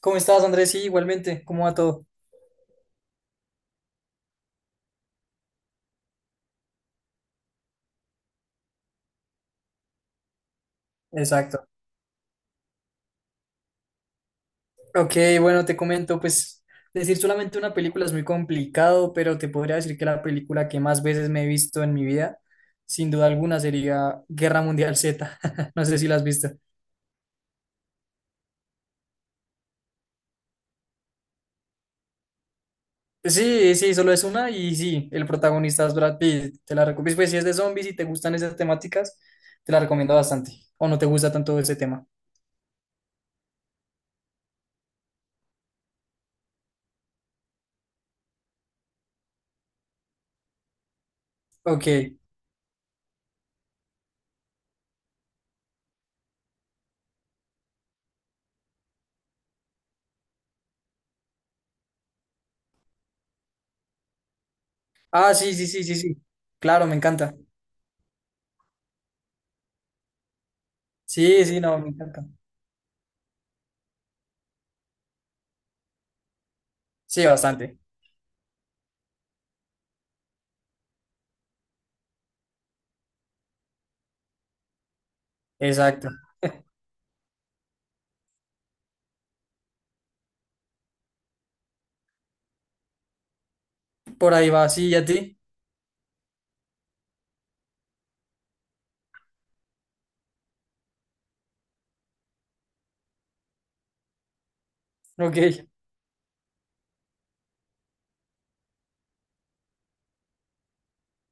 ¿Cómo estás, Andrés? Sí, igualmente, ¿cómo va todo? Exacto. Ok, bueno, te comento, pues decir solamente una película es muy complicado, pero te podría decir que la película que más veces me he visto en mi vida, sin duda alguna, sería Guerra Mundial Z. No sé si la has visto. Sí, sí, solo es una y sí, el protagonista es Brad Pitt. Te la recomiendo, pues si es de zombies y te gustan esas temáticas, te la recomiendo bastante. O no te gusta tanto ese tema. Ok. Ah, sí, sí, sí, sí, sí. Claro, me encanta. Sí, sí, no, me encanta. Sí, bastante. Exacto. Por ahí va, sí, ¿y a ti? Ok,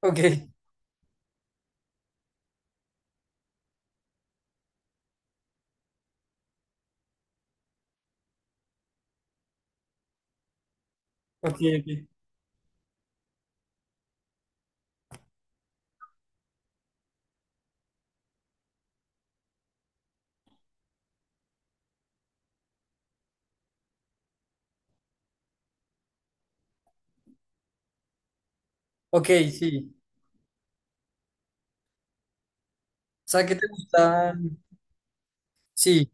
ok, ok, ok. Ok, sí. O sea, ¿qué te gustan? Sí,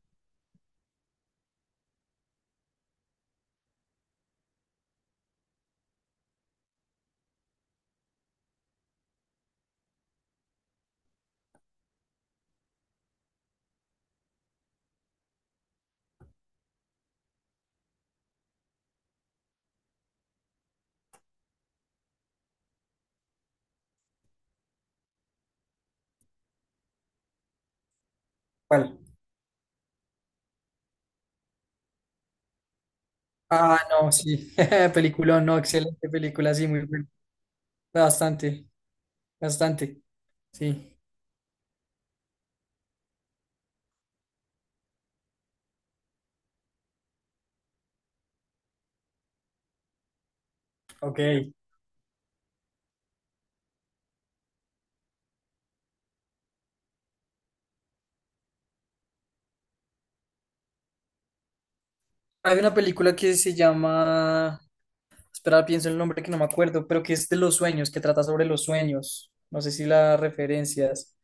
¿cuál? Ah, no, sí. Película, no, excelente película, sí, muy buena. Bastante, bastante. Sí, ok. Hay una película que se llama. Espera, pienso el nombre que no me acuerdo, pero que es de los sueños, que trata sobre los sueños. No sé si la referencias.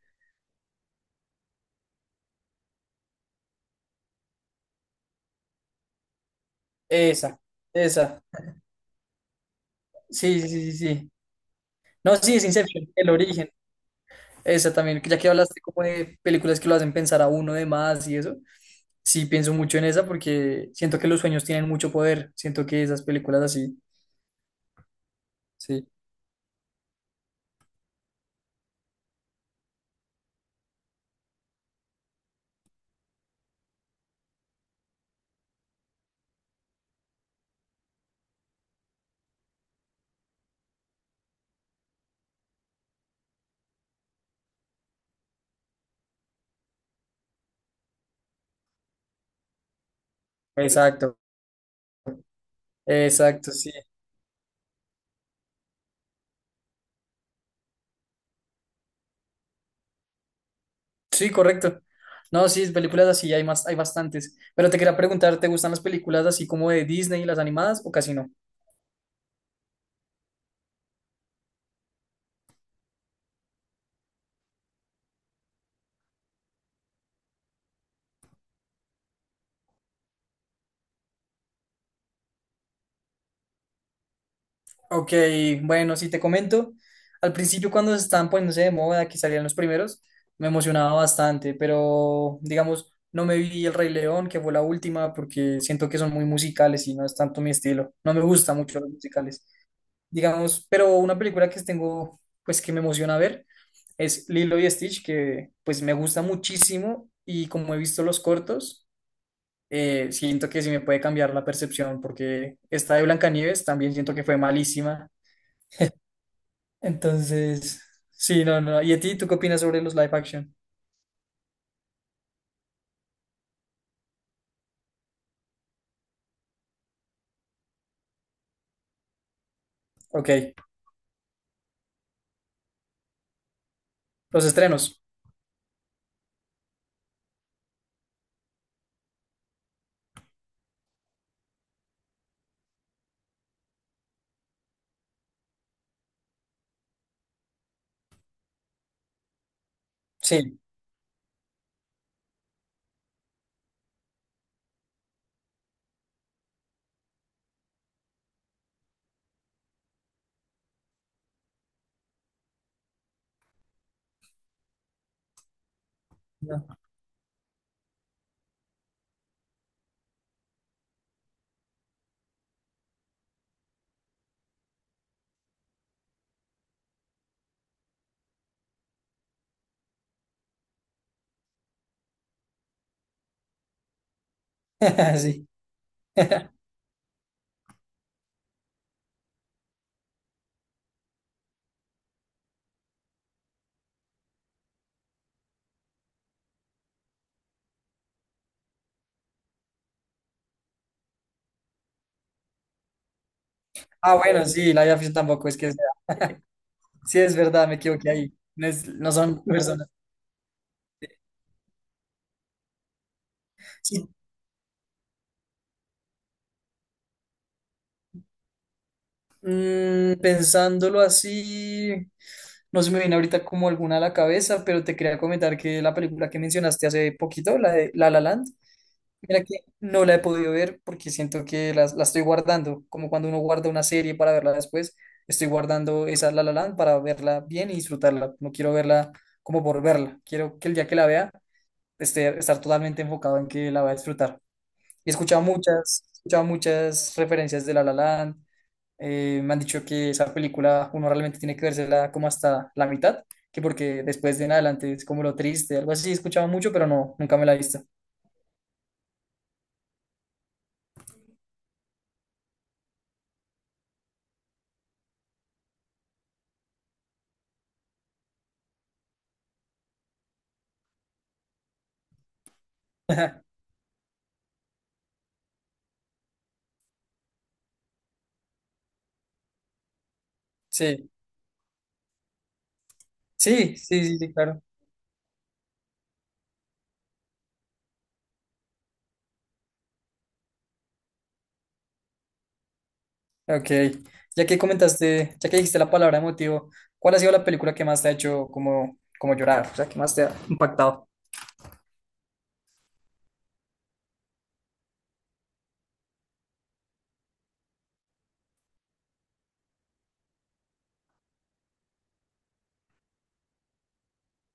Esa, esa. Sí, sí, sí, sí, sí. No, sí, es Inception, el origen. Esa también, ya que hablaste como de películas que lo hacen pensar a uno de más y eso, sí pienso mucho en esa porque siento que los sueños tienen mucho poder, siento que esas películas así, sí, exacto, exacto, sí, sí, correcto. No, sí, películas así hay más, hay bastantes, pero te quería preguntar, ¿te gustan las películas así como de Disney, las animadas o casi no? Ok, bueno, si te comento, al principio cuando se estaban poniéndose de moda, que salían los primeros, me emocionaba bastante, pero digamos, no me vi El Rey León, que fue la última, porque siento que son muy musicales y no es tanto mi estilo. No me gusta mucho los musicales. Digamos, pero una película que tengo, pues que me emociona ver, es Lilo y Stitch, que pues me gusta muchísimo y como he visto los cortos, siento que sí me puede cambiar la percepción, porque esta de Blancanieves también siento que fue malísima entonces, sí, no, no, no. ¿Y a ti, tú qué opinas sobre los live action? Ok. Los estrenos. Sí. No. Sí. Ah, bueno, sí, live action tampoco. Sí es verdad, me equivoqué ahí. No son personas. Sí. Pensándolo así, no se me viene ahorita como alguna a la cabeza, pero te quería comentar que la película que mencionaste hace poquito, la de La La Land, mira que no la he podido ver porque siento que estoy guardando, como cuando uno guarda una serie para verla después, estoy guardando esa La La Land para verla bien y disfrutarla. No quiero verla como por verla, quiero que el día que la vea esté estar totalmente enfocado en que la voy a disfrutar. He escuchado muchas referencias de La La Land, me han dicho que esa película uno realmente tiene que vérsela como hasta la mitad, que porque después de en adelante es como lo triste, algo así. He escuchado mucho, pero no, nunca me la he visto. Sí. Sí, sí, sí, sí, claro. Ok. Ya que comentaste, ya que dijiste la palabra emotivo, ¿cuál ha sido la película que más te ha hecho como, como llorar? O sea, que más te ha impactado.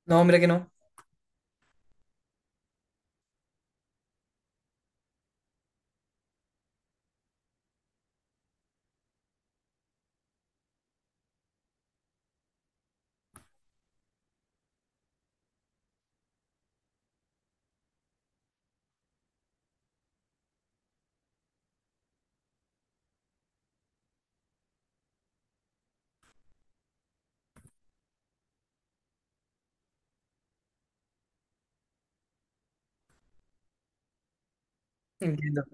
No, mira que no. Entiendo.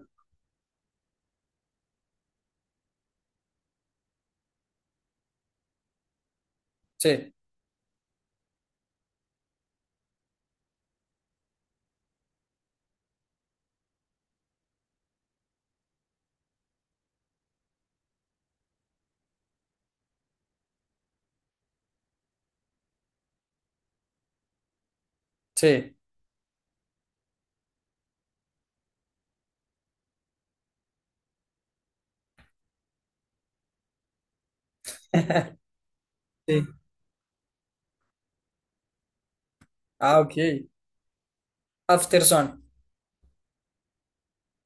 Sí, sí. Sí. Ah, ok. After Sun.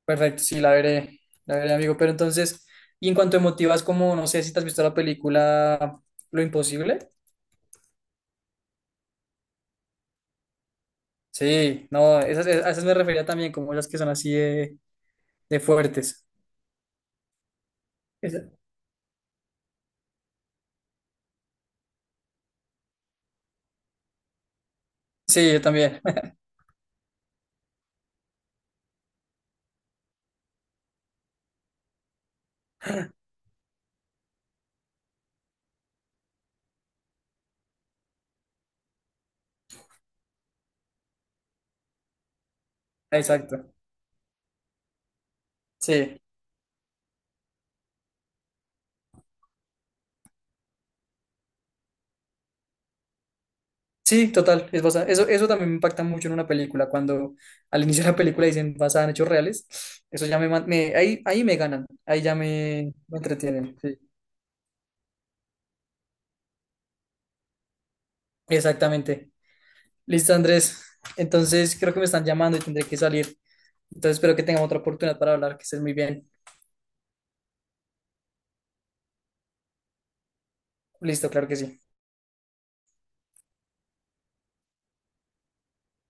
Perfecto, sí, la veré. La veré, amigo. Pero entonces, y en cuanto a emotivas, como no sé si te has visto la película Lo Imposible. Sí, no, esas, a esas me refería también, como las que son así de fuertes. Esa- Sí, yo también. Exacto. Sí. Sí, total, es basada. Eso también me impacta mucho en una película, cuando al inicio de la película dicen basada en hechos reales, eso ya me, ahí, ahí me ganan, ahí ya me entretienen. Sí. Exactamente. Listo, Andrés. Entonces creo que me están llamando y tendré que salir. Entonces espero que tengamos otra oportunidad para hablar, que estés muy bien. Listo, claro que sí.